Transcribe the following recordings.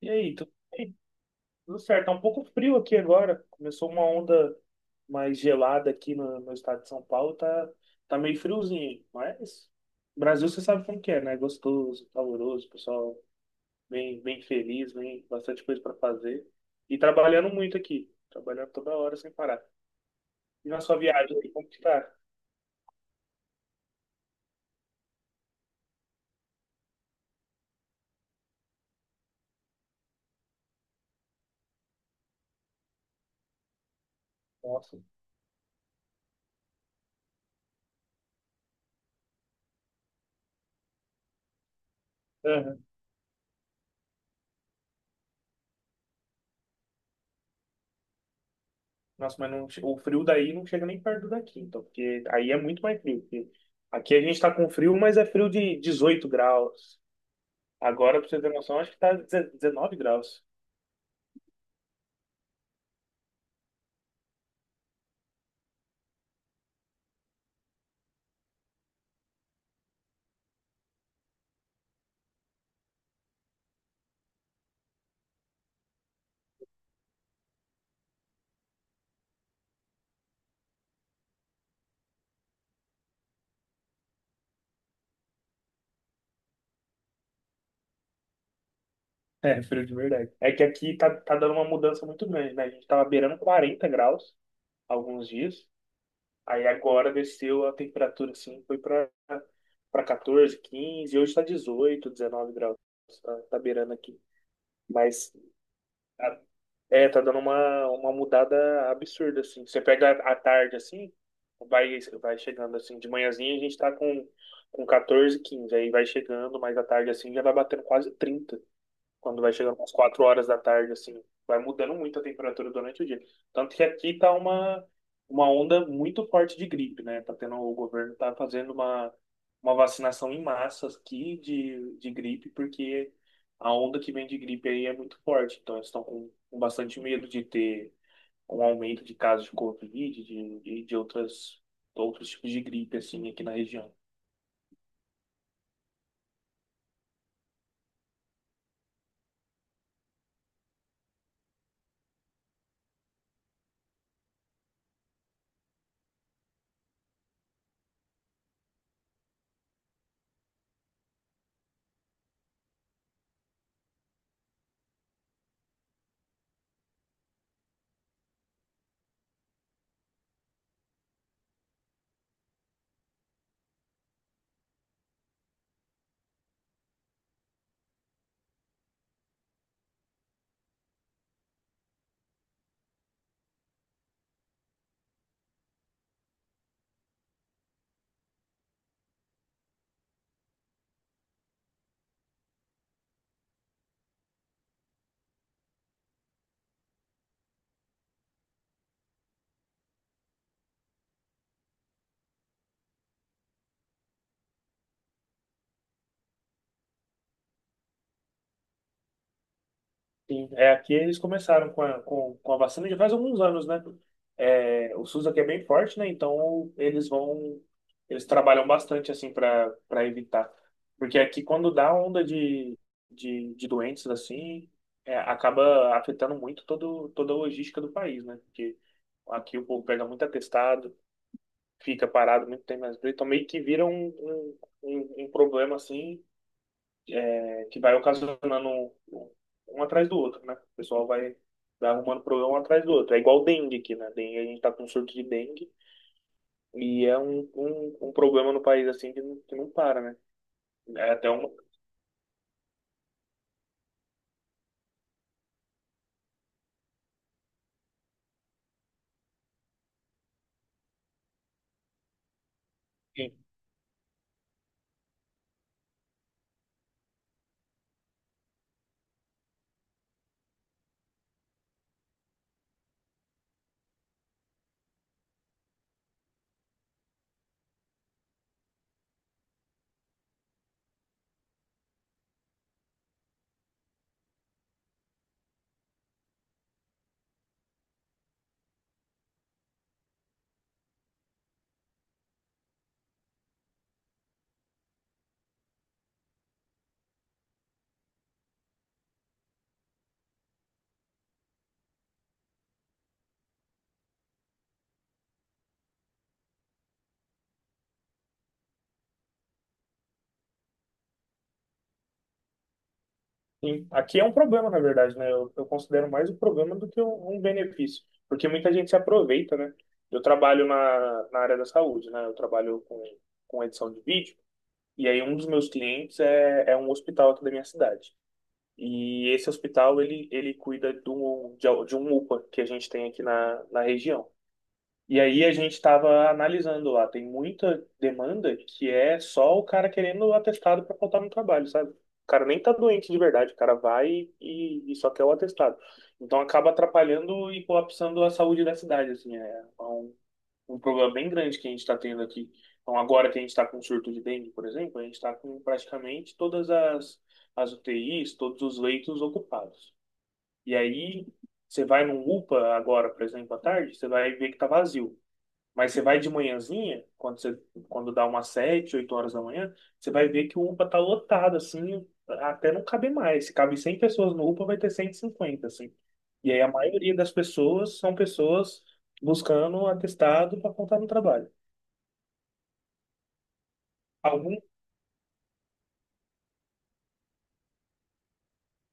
E aí, tudo bem? Tudo certo. Tá um pouco frio aqui agora. Começou uma onda mais gelada aqui no estado de São Paulo. Tá, tá meio friozinho, mas Brasil você sabe como que é, né? Gostoso, caloroso, pessoal bem, bem feliz, bem bastante coisa para fazer. E trabalhando muito aqui. Trabalhando toda hora sem parar. E na sua viagem, aí, como que tá? Nossa. Aham. Nossa, mas não, o frio daí não chega nem perto daqui, então, porque aí é muito mais frio, porque aqui a gente tá com frio, mas é frio de 18 graus. Agora, pra você ter noção, acho que tá 19 graus. É, frio de verdade. É que aqui tá dando uma mudança muito grande, né? A gente tava beirando 40 graus alguns dias. Aí agora desceu a temperatura, assim, foi pra 14, 15. Hoje tá 18, 19 graus. Tá beirando aqui. Mas tá, É, tá dando uma mudada absurda, assim. Você pega a tarde, assim, vai chegando, assim, de manhãzinha a gente tá com 14, 15 aí vai chegando, mas à tarde, assim, já vai batendo quase 30 quando vai chegando umas 4 horas da tarde, assim, vai mudando muito a temperatura durante o dia. Tanto que aqui tá uma onda muito forte de gripe, né? Tá tendo, o governo tá fazendo uma vacinação em massa aqui de gripe, porque a onda que vem de gripe aí é muito forte. Então, eles estão com bastante medo de ter um aumento de casos de Covid, de outras, outros tipos de gripe, assim, aqui na região. Sim, é, aqui eles começaram com a vacina já faz alguns anos, né? É, o SUS aqui é bem forte, né? Então eles trabalham bastante assim para evitar. Porque aqui quando dá onda de doenças assim, é, acaba afetando muito todo, toda a logística do país, né? Porque aqui o povo pega muito atestado, fica parado muito tempo, mas então meio que vira um problema assim que vai ocasionando um, um um atrás do outro, né? O pessoal vai arrumando problema um atrás do outro. É igual dengue aqui, né? Dengue, a gente tá com surto de dengue e é um problema no país assim que não para, né? É até um, e- e aqui é um problema, na verdade, né? Eu considero mais um problema do que um benefício, porque muita gente se aproveita, né? Eu trabalho na área da saúde, né? Eu trabalho com edição de vídeo. E aí, um dos meus clientes é um hospital aqui da minha cidade. E esse hospital, ele cuida de um UPA que a gente tem aqui na região. E aí a gente estava analisando lá, tem muita demanda que é só o cara querendo o atestado para faltar no trabalho, sabe? O cara nem tá doente de verdade, o cara vai e só quer o atestado. Então acaba atrapalhando e colapsando a saúde da cidade, assim, é um problema bem grande que a gente está tendo aqui. Então, agora que a gente está com surto de dengue, por exemplo, a gente está com praticamente todas as UTIs, todos os leitos ocupados. E aí, você vai num UPA agora, por exemplo, à tarde, você vai ver que está vazio. Mas você vai de manhãzinha, quando dá umas 7, 8 horas da manhã, você vai ver que o UPA tá lotado, assim, até não caber mais. Se cabe 100 pessoas no UPA, vai ter 150 assim. E aí a maioria das pessoas são pessoas buscando atestado para contar no trabalho. Algum,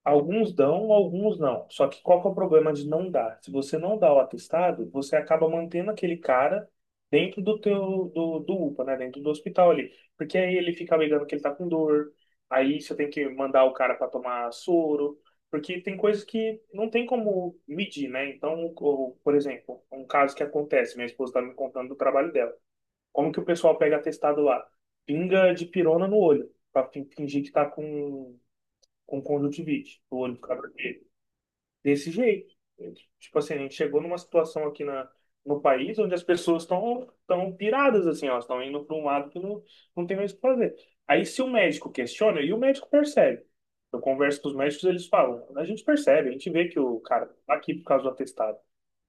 Alguns dão, alguns não. Só que qual que é o problema de não dar? Se você não dá o atestado, você acaba mantendo aquele cara dentro do UPA, né? Dentro do hospital ali. Porque aí ele fica alegando que ele tá com dor. Aí você tem que mandar o cara para tomar soro, porque tem coisas que não tem como medir, né? Então, por exemplo, um caso que acontece, minha esposa tá me contando do trabalho dela. Como que o pessoal pega atestado lá? Pinga de pirona no olho, para fingir que tá com conjuntivite, o olho ficava vermelho. Desse jeito. Tipo assim, a gente chegou numa situação aqui no país onde as pessoas estão tão piradas, assim, elas estão indo para um lado que não tem mais o que fazer. Aí se o médico questiona, e o médico percebe. Eu converso com os médicos, eles falam, a gente percebe, a gente vê que o cara tá aqui por causa do atestado.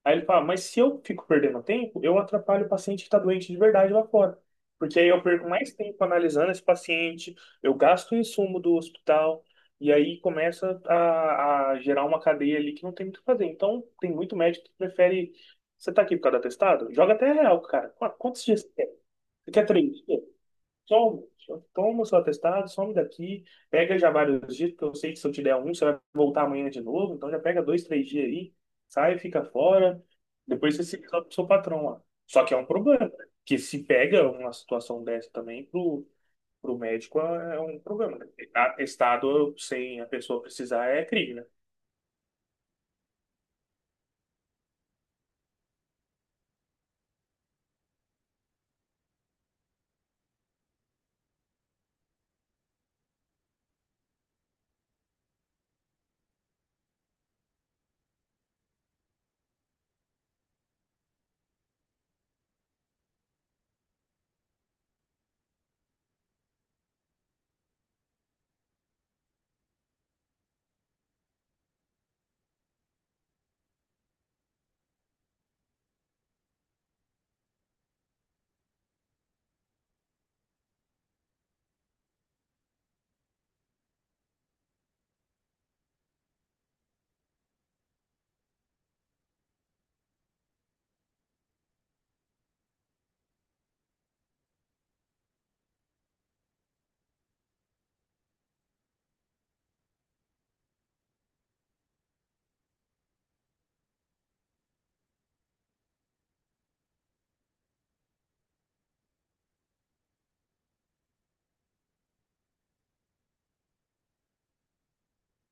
Aí ele fala, mas se eu fico perdendo tempo, eu atrapalho o paciente que está doente de verdade lá fora. Porque aí eu perco mais tempo analisando esse paciente, eu gasto o insumo do hospital, e aí começa a gerar uma cadeia ali que não tem muito o que fazer. Então, tem muito médico que prefere. Você tá aqui por causa do atestado? Joga até real, cara. Quantos dias você quer? Você quer 3 dias? Toma, toma o seu atestado, some daqui, pega já vários dias, porque eu sei que se eu te der um, você vai voltar amanhã de novo. Então, já pega 2, 3 dias aí, sai, fica fora. Depois você se resolve com o seu patrão lá. Só que é um problema, né? Que se pega uma situação dessa também pro para o médico é um problema, né? Atestado sem a pessoa precisar é crime, né?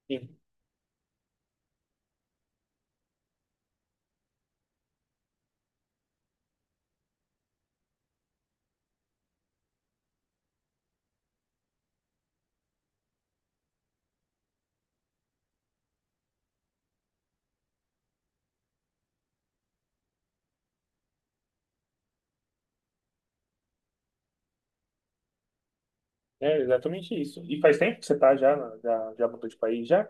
Sim. É exatamente isso. E faz tempo que você tá já, já mudou de país já?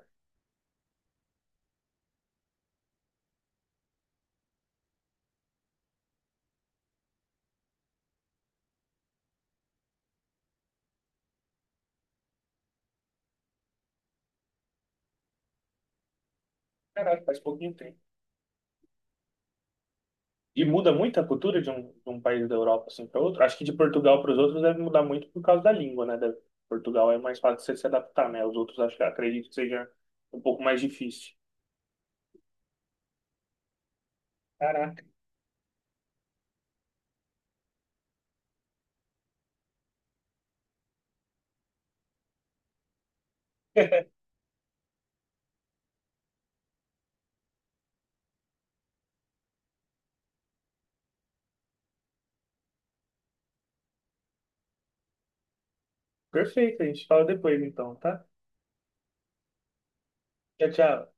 Caralho, faz pouquinho tempo. E muda muito a cultura de um país da Europa assim para outro? Acho que de Portugal para os outros deve mudar muito por causa da língua, né? Portugal é mais fácil você se adaptar, né? Os outros acho que acredito que seja um pouco mais difícil. Caraca. Perfeito, a gente fala depois então, tá? Tchau, tchau.